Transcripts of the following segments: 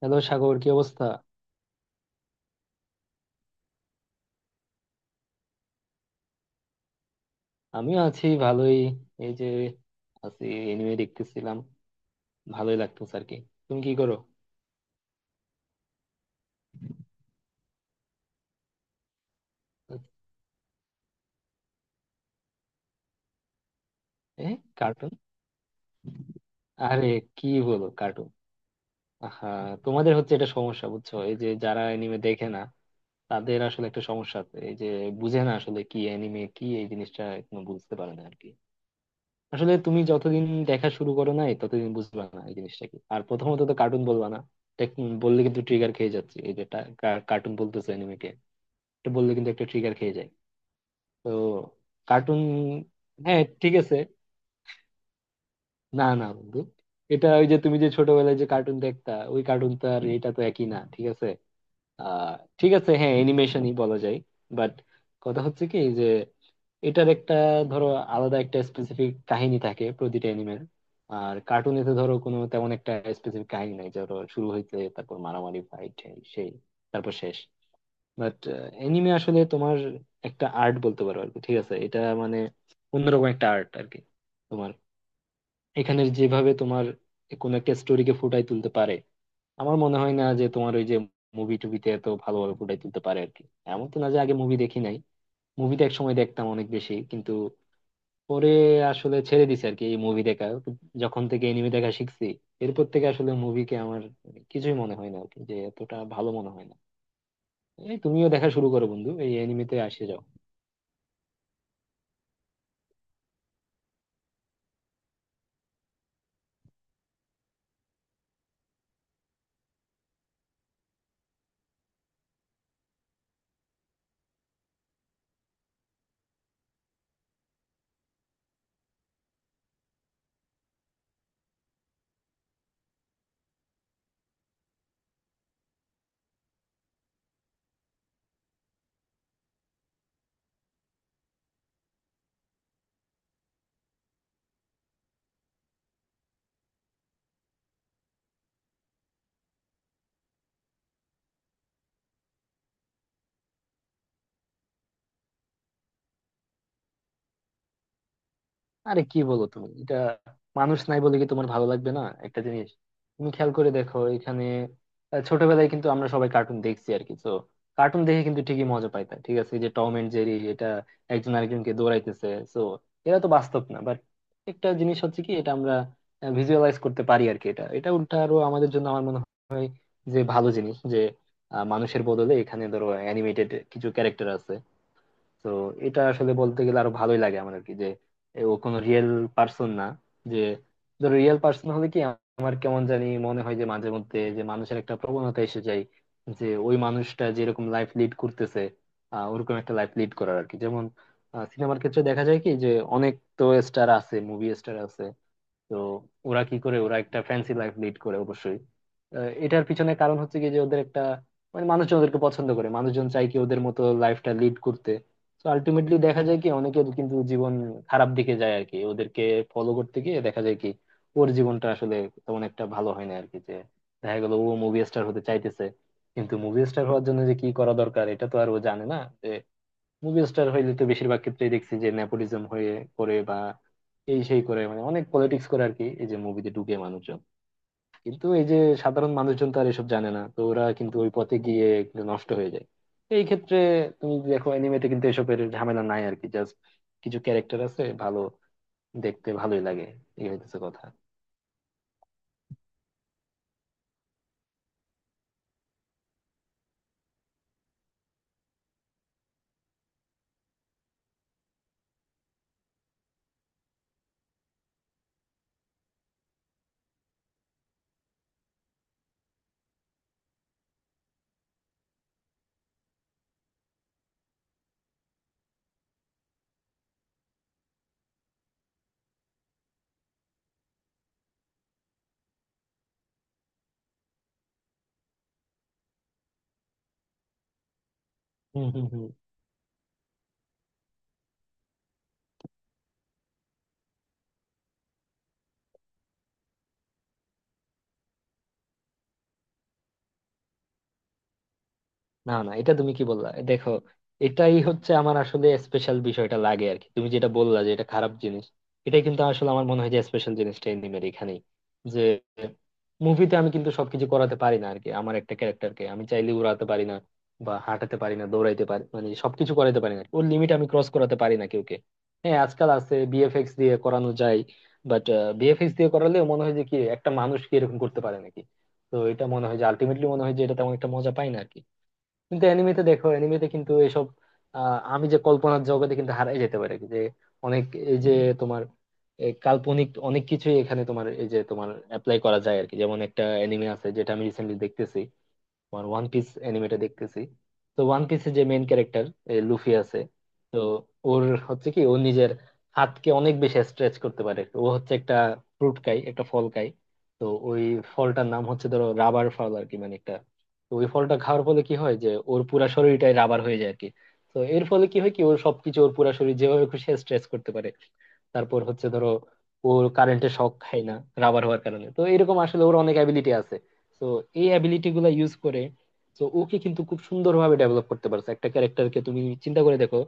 Hello Sagar, কি অবস্থা? আমিও আছি ভালোই। এই যে আছি, এনিমে দেখতেছিলাম, ভালোই লাগতেছে আর কি। তুমি কি করো? এ, কার্টুন? আরে কি বলো, কার্টুন? আহা, তোমাদের হচ্ছে এটা সমস্যা, বুঝছো? এই যে যারা এনিমে দেখে না, তাদের আসলে একটা সমস্যা আছে। এই যে বুঝে না আসলে কি, এনিমে কি, এই জিনিসটা এখনো বুঝতে পারে না আর কি। আসলে তুমি যতদিন দেখা শুরু করো নাই, ততদিন বুঝবা না এই জিনিসটা কি। আর প্রথমত তো কার্টুন বলবা না, দেখ, বললে কিন্তু ট্রিগার খেয়ে যাচ্ছে। এই যে কার্টুন বলতেছে এনিমে, এটা বললে কিন্তু একটা ট্রিগার খেয়ে যায়। তো কার্টুন, হ্যাঁ ঠিক আছে। না না বন্ধু, এটা ওই যে তুমি যে ছোটবেলায় যে কার্টুন দেখতা, ওই কার্টুন তো আর এটা তো একই না, ঠিক আছে? আহ ঠিক আছে, হ্যাঁ, অ্যানিমেশনই বলা যায়। বাট কথা হচ্ছে কি যে, এটার একটা, ধরো, আলাদা একটা স্পেসিফিক কাহিনী থাকে প্রতিটা অ্যানিমের। আর কার্টুনে তো ধরো কোনো তেমন একটা স্পেসিফিক কাহিনী নাই, ধরো শুরু হইতে তারপর মারামারি ফাইট, সেই, তারপর শেষ। বাট এনিমে আসলে তোমার একটা আর্ট বলতে পারো আর কি, ঠিক আছে? এটা মানে অন্যরকম একটা আর্ট আর কি। তোমার এখানের যেভাবে তোমার কোন একটা স্টোরিকে ফুটাই তুলতে পারে, আমার মনে হয় না যে তোমার ওই যে মুভি টুবিতে এত ভালোভাবে ফুটাই তুলতে পারে আর কি। এমন তো না যে আগে মুভি দেখি নাই, মুভিতে এক সময় দেখতাম অনেক বেশি, কিন্তু পরে আসলে ছেড়ে দিছি আর কি এই মুভি দেখা। যখন থেকে এনিমে দেখা শিখছি, এরপর থেকে আসলে মুভিকে আমার কিছুই মনে হয় না আর কি, যে এতটা ভালো মনে হয় না। এই তুমিও দেখা শুরু করো বন্ধু, এই এনিমেতে আসে যাও। আরে কি বলো তুমি এটা, মানুষ নাই বলে কি তোমার ভালো লাগবে না একটা জিনিস? তুমি খেয়াল করে দেখো এখানে, ছোটবেলায় কিন্তু আমরা সবাই কার্টুন দেখছি আর কি। তো কার্টুন দেখে কিন্তু ঠিকই মজা পাইতাম, ঠিক আছে? এই যে টম এন্ড জেরি, এটা একজন আরেকজনকে দৌড়াইতেছে, তো এরা তো বাস্তব না। বাট একটা জিনিস হচ্ছে কি, এটা আমরা ভিজুয়ালাইজ করতে পারি আর কি। এটা এটা উল্টা আরো আমাদের জন্য আমার মনে হয় যে ভালো জিনিস, যে মানুষের বদলে এখানে ধরো অ্যানিমেটেড কিছু ক্যারেক্টার আছে। তো এটা আসলে বলতে গেলে আরো ভালোই লাগে আমার আর কি, যে এ ও কোনো রিয়েল পার্সন না। যে ধরো রিয়েল পার্সন হলে কি, আমার কেমন জানি মনে হয় যে মাঝে মধ্যে যে মানুষের একটা প্রবণতা এসে যায় যে ওই মানুষটা যেরকম লাইফ লিড করতেছে, ওরকম একটা লাইফ লিড করার আর কি। যেমন সিনেমার ক্ষেত্রে দেখা যায় কি যে, অনেক তো স্টার আছে, মুভি স্টার আছে, তো ওরা কি করে, ওরা একটা ফ্যান্সি লাইফ লিড করে অবশ্যই। এটার পিছনে কারণ হচ্ছে কি যে ওদের একটা, মানে, মানুষজন ওদেরকে পছন্দ করে, মানুষজন চায় কি ওদের মতো লাইফটা লিড করতে। তো আলটিমেটলি দেখা যায় কি অনেকের কিন্তু জীবন খারাপ দিকে যায় আর কি, ওদেরকে ফলো করতে গিয়ে দেখা যায় কি ওর জীবনটা আসলে তেমন একটা ভালো হয় না আর কি। যে দেখা গেল ও মুভি স্টার হতে চাইতেছে, কিন্তু মুভি স্টার হওয়ার জন্য যে কি করা দরকার এটা তো আর ও জানে না। মুভি স্টার হইলে তো বেশিরভাগ ক্ষেত্রেই দেখছি যে নেপোটিজম হয়ে করে, বা এই সেই করে, মানে অনেক পলিটিক্স করে আর কি, এই যে মুভিতে ঢুকে মানুষজন। কিন্তু এই যে সাধারণ মানুষজন তো আর এসব জানে না, তো ওরা কিন্তু ওই পথে গিয়ে একটু নষ্ট হয়ে যায়। তো এই ক্ষেত্রে তুমি দেখো অ্যানিমেতে কিন্তু এসবের ঝামেলা নাই আর কি, জাস্ট কিছু ক্যারেক্টার আছে, ভালো দেখতে, ভালোই লাগে। এই হইতেছে কথা। হম হম হম। না না, এটা তুমি কি বললা, দেখো, এটাই হচ্ছে আমার আসলে স্পেশাল বিষয়টা লাগে আর কি। তুমি যেটা বললা যে এটা খারাপ জিনিস, এটাই কিন্তু আসলে আমার মনে হয় যে স্পেশাল জিনিসটা এনিমের, এখানেই। যে মুভিতে আমি কিন্তু সবকিছু করাতে পারি না আর কি, আমার একটা ক্যারেক্টারকে আমি চাইলে উড়াতে পারি না, বা হাঁটাতে পারি না, দৌড়াইতে পারি, মানে সবকিছু করাতে পারি না, ওর লিমিট আমি ক্রস করাতে পারি না কাউকে। হ্যাঁ আজকাল আছে, বিএফএক্স দিয়ে করানো যায়, বাট বিএফএক্স দিয়ে করালেও মনে হয় যে কি, একটা মানুষ কি এরকম করতে পারে নাকি? তো এটা মনে হয় যে আলটিমেটলি মনে হয় যে এটা তেমন একটা মজা পাই না আর কি। কিন্তু অ্যানিমেতে দেখো, অ্যানিমেতে কিন্তু এসব, আমি যে কল্পনার জগতে কিন্তু হারাই যেতে পারে, যে অনেক, এই যে, তোমার, কাল্পনিক অনেক কিছুই এখানে তোমার এই যে তোমার অ্যাপ্লাই করা যায় আর কি। যেমন একটা অ্যানিমে আছে যেটা আমি রিসেন্টলি দেখতেছি, তোমার ওয়ান পিস অ্যানিমেটা দেখতেছি। তো ওয়ান পিসে যে মেইন ক্যারেক্টার লুফি আছে, তো ওর হচ্ছে কি, ও নিজের হাতকে অনেক বেশি স্ট্রেচ করতে পারে। ও হচ্ছে একটা ফ্রুট খায়, একটা ফল খায়, তো ওই ফলটার নাম হচ্ছে ধরো রাবার ফল আর কি, মানে একটা। তো ওই ফলটা খাওয়ার ফলে কি হয় যে, ওর পুরা শরীরটাই রাবার হয়ে যায় আর কি। তো এর ফলে কি হয়, কি ওর সবকিছু, ওর পুরা শরীর যেভাবে খুশি স্ট্রেচ করতে পারে। তারপর হচ্ছে ধরো ওর কারেন্টে শক খায় না রাবার হওয়ার কারণে। তো এরকম আসলে ওর অনেক অ্যাবিলিটি আছে, তো এই অ্যাবিলিটি গুলা ইউজ করে, তো ওকে কিন্তু খুব সুন্দরভাবে ডেভেলপ করতে পারছে একটা ক্যারেক্টারকে। তুমি চিন্তা করে দেখো,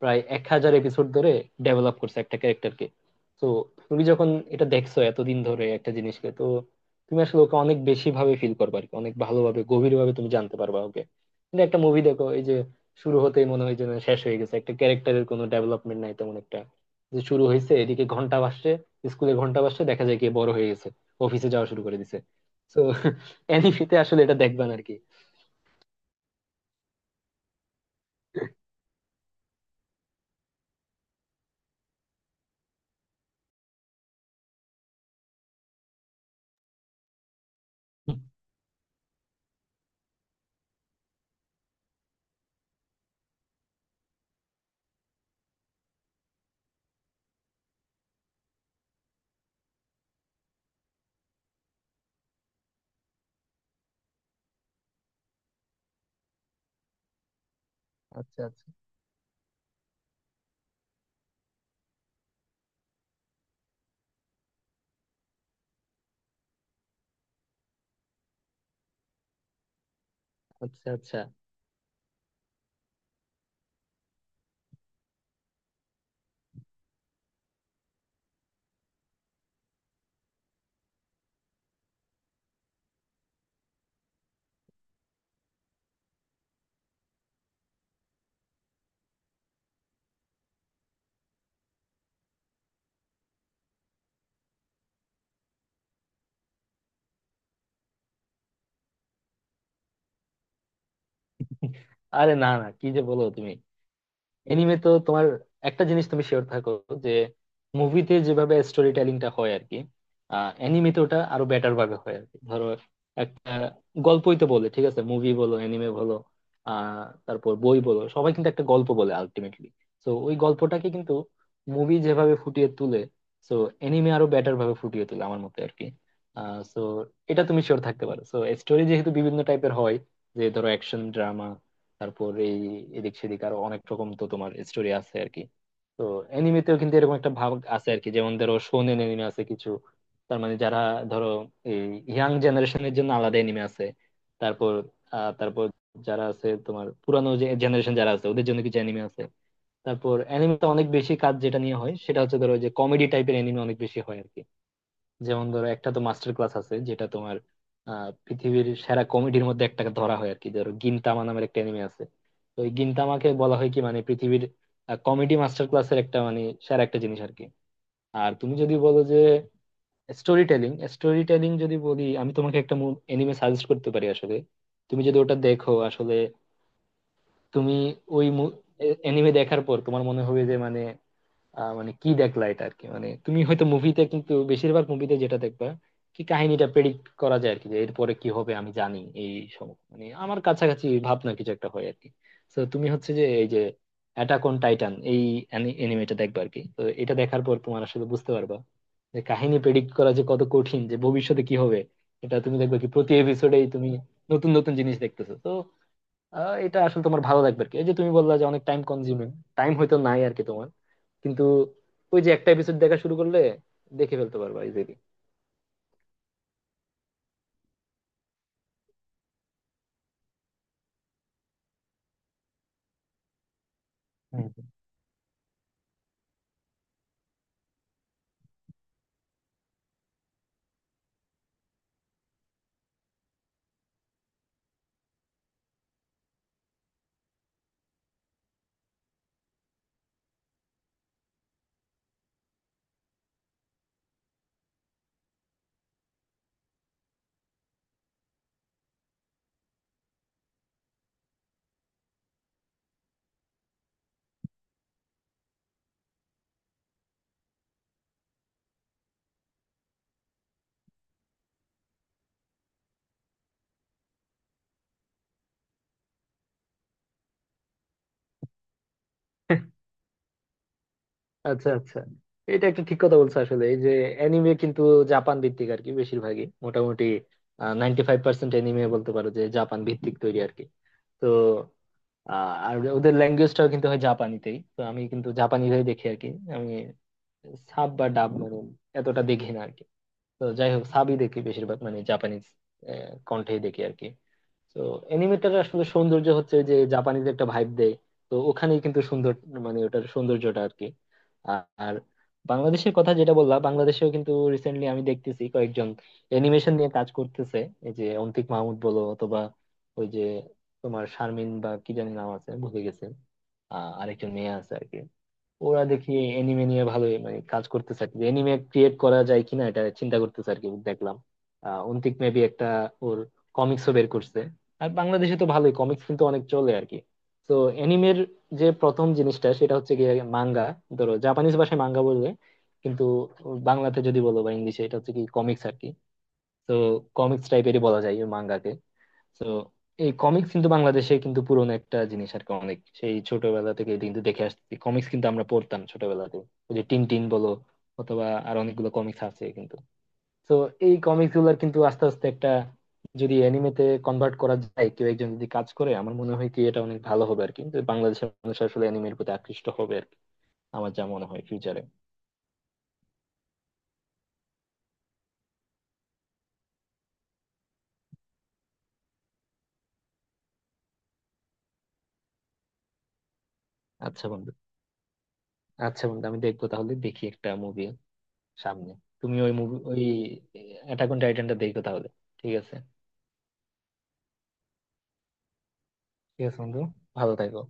প্রায় 1000 এপিসোড ধরে ডেভেলপ করছে একটা ক্যারেক্টারকে। তো তুমি যখন এটা দেখছো এতদিন ধরে একটা জিনিসকে, তো তুমি আসলে ওকে অনেক বেশি ভাবে ফিল করবে আর কি, অনেক ভালোভাবে, গভীর ভাবে তুমি জানতে পারবা ওকে। কিন্তু একটা মুভি দেখো, এই যে শুরু হতেই মনে হয় যেন শেষ হয়ে গেছে, একটা ক্যারেক্টারের কোনো ডেভেলপমেন্ট নাই তেমন একটা। যে শুরু হয়েছে, এদিকে ঘন্টা বাজছে, স্কুলে ঘন্টা বাজছে, দেখা যায় কি বড় হয়ে গেছে, অফিসে যাওয়া শুরু করে দিছে। তো অ্যানিমেতে আসলে এটা দেখবেন আর কি। আচ্ছা আচ্ছা। আচ্ছা আচ্ছা। আরে না না, কি যে বলো তুমি। এনিমে তো তোমার একটা জিনিস তুমি শিওর থাকো, যে মুভিতে যেভাবে স্টোরি টেলিংটা হয় আর কি, অ্যানিমেতে ওটা আরো বেটার ভাবে হয় আর কি। ধরো একটা গল্পই তো বলে, ঠিক আছে? মুভি বলো, অ্যানিমে বলো, তারপর বই বলো, সবাই কিন্তু একটা গল্প বলে আলটিমেটলি। তো ওই গল্পটাকে কিন্তু মুভি যেভাবে ফুটিয়ে তুলে, তো অ্যানিমে আরো বেটার ভাবে ফুটিয়ে তোলে আমার মতে আর কি। তো এটা তুমি শিওর থাকতে পারো। তো স্টোরি যেহেতু বিভিন্ন টাইপের হয়, যে ধরো অ্যাকশন, ড্রামা, তারপর এই এদিক সেদিক আরো অনেক রকম, তো তোমার স্টোরি আছে আর কি। তো অ্যানিমেতেও কিন্তু এরকম একটা ভাগ আছে আর কি, যেমন ধরো শোনেন অ্যানিমে আছে কিছু, তার মানে যারা ধরো এই ইয়াং জেনারেশনের জন্য আলাদা অ্যানিমে আছে। তারপর তারপর যারা আছে তোমার পুরানো যে জেনারেশন, যারা আছে ওদের জন্য কিছু অ্যানিমে আছে। তারপর অ্যানিমে অনেক বেশি কাজ যেটা নিয়ে হয়, সেটা হচ্ছে ধরো যে কমেডি টাইপের অ্যানিমে অনেক বেশি হয় আর কি। যেমন ধরো একটা তো মাস্টার ক্লাস আছে যেটা তোমার পৃথিবীর সেরা কমেডির মধ্যে একটাকে ধরা হয় আর কি, ধরো গিনতামা নামের একটা এনিমে আছে। তো এই গিনতামাকে বলা হয় কি, মানে পৃথিবীর কমেডি মাস্টার ক্লাসের একটা, মানে সেরা একটা জিনিস আর কি। আর তুমি যদি বলো যে স্টোরি টেলিং, স্টোরি টেলিং যদি বলি, আমি তোমাকে একটা এনিমে সাজেস্ট করতে পারি আসলে। তুমি যদি ওটা দেখো আসলে, তুমি ওই এনিমে দেখার পর তোমার মনে হবে যে, মানে, মানে কি দেখলা এটা আর কি। মানে তুমি হয়তো মুভিতে, কিন্তু বেশিরভাগ মুভিতে যেটা দেখবা কি, কাহিনীটা প্রেডিক্ট করা যায় আর কি, যে এরপরে কি হবে আমি জানি, এই মানে আমার কাছাকাছি ভাবনা কিছু একটা হয় আর কি। তো তুমি হচ্ছে যে এই যে অ্যাটাক অন টাইটান, এই এনিমেটা দেখবা আর কি। তো এটা দেখার পর তোমার আসলে বুঝতে পারবা যে কাহিনী প্রেডিক্ট করা যে কত কঠিন, যে ভবিষ্যতে কি হবে। এটা তুমি দেখবে কি, প্রতি এপিসোডেই তুমি নতুন নতুন জিনিস দেখতেছো। তো এটা আসলে তোমার ভালো লাগবে আর কি। এই যে তুমি বললা যে অনেক টাইম কনজিউমিং, টাইম হয়তো নাই আর কি তোমার, কিন্তু ওই যে একটা এপিসোড দেখা শুরু করলে দেখে ফেলতে পারবা ইজিলি। হুম। আচ্ছা আচ্ছা। এটা একটা ঠিক কথা বলছো আসলে, এই যে অ্যানিমে কিন্তু জাপান ভিত্তিক আর কি, বেশিরভাগই মোটামুটি 95% অ্যানিমে বলতে পারো যে জাপান ভিত্তিক তৈরি আর কি। তো আর ওদের ল্যাঙ্গুয়েজটাও কিন্তু হয় জাপানিতেই, তো আমি কিন্তু জাপানিরাই দেখি আর কি। আমি সাব বা ডাব মানে এতটা দেখি না আর কি। তো যাই হোক, সাবই দেখি বেশিরভাগ, মানে জাপানিজ কন্ঠেই দেখি আর কি। তো অ্যানিমেটার আসলে সৌন্দর্য হচ্ছে যে জাপানিজ একটা ভাইব দেয়। তো ওখানেই কিন্তু সুন্দর, মানে ওটার সৌন্দর্যটা আর কি। আ- আর বাংলাদেশের কথা যেটা বললাম, বাংলাদেশেও কিন্তু রিসেন্টলি আমি দেখতেছি কয়েকজন অ্যানিমেশন নিয়ে কাজ করতেছে। এই যে অন্তিক মাহমুদ বলো, অথবা ওই যে তোমার শারমিন বা কি জানি নাম আছে, ভুলে গেছে, আরেকজন মেয়ে আছে আর কি। ওরা দেখি এনিমে নিয়ে ভালোই মানে কাজ করতেছে আর কি, এনিমে ক্রিয়েট করা যায় কিনা এটা চিন্তা করতেছে আর কি দেখলাম। অন্তিক মেবি একটা, ওর কমিক্সও বের করছে। আর বাংলাদেশে তো ভালোই কমিক্স কিন্তু অনেক চলে আর কি। তো এনিমের যে প্রথম জিনিসটা সেটা হচ্ছে গিয়ে মাঙ্গা, ধরো জাপানিজ ভাষায় মাঙ্গা বলবে, কিন্তু বাংলাতে যদি বলো বা ইংলিশে, এটা হচ্ছে কি কমিক্স আর কি। তো কমিক্স টাইপেরই বলা যায় মাঙ্গাকে। তো এই কমিক্স কিন্তু বাংলাদেশে কিন্তু পুরনো একটা জিনিস আর কি, অনেক সেই ছোটবেলা থেকে এটা কিন্তু দেখে আসছি, কমিক্স কিন্তু আমরা পড়তাম ছোটবেলাতে, ওই যে টিন টিন বলো, অথবা আর অনেকগুলো কমিক্স আছে কিন্তু। তো এই কমিক্স গুলার কিন্তু আস্তে আস্তে একটা, যদি অ্যানিমেতে কনভার্ট করা যায়, কেউ একজন যদি কাজ করে, আমার মনে হয় কি এটা অনেক ভালো হবে আর কি। কিন্তু বাংলাদেশের মানুষ আসলে অ্যানিমের প্রতি আকৃষ্ট হবে আর কি, আমার যা মনে হয় ফিউচারে। আচ্ছা বন্ধু, আচ্ছা বন্ধু, আমি দেখবো তাহলে, দেখি একটা মুভি সামনে। তুমি ওই মুভি ওই অ্যাটাক অন টাইটানটা দেখো তাহলে, ঠিক আছে? ঠিক আছে বন্ধু, ভালো থাকো।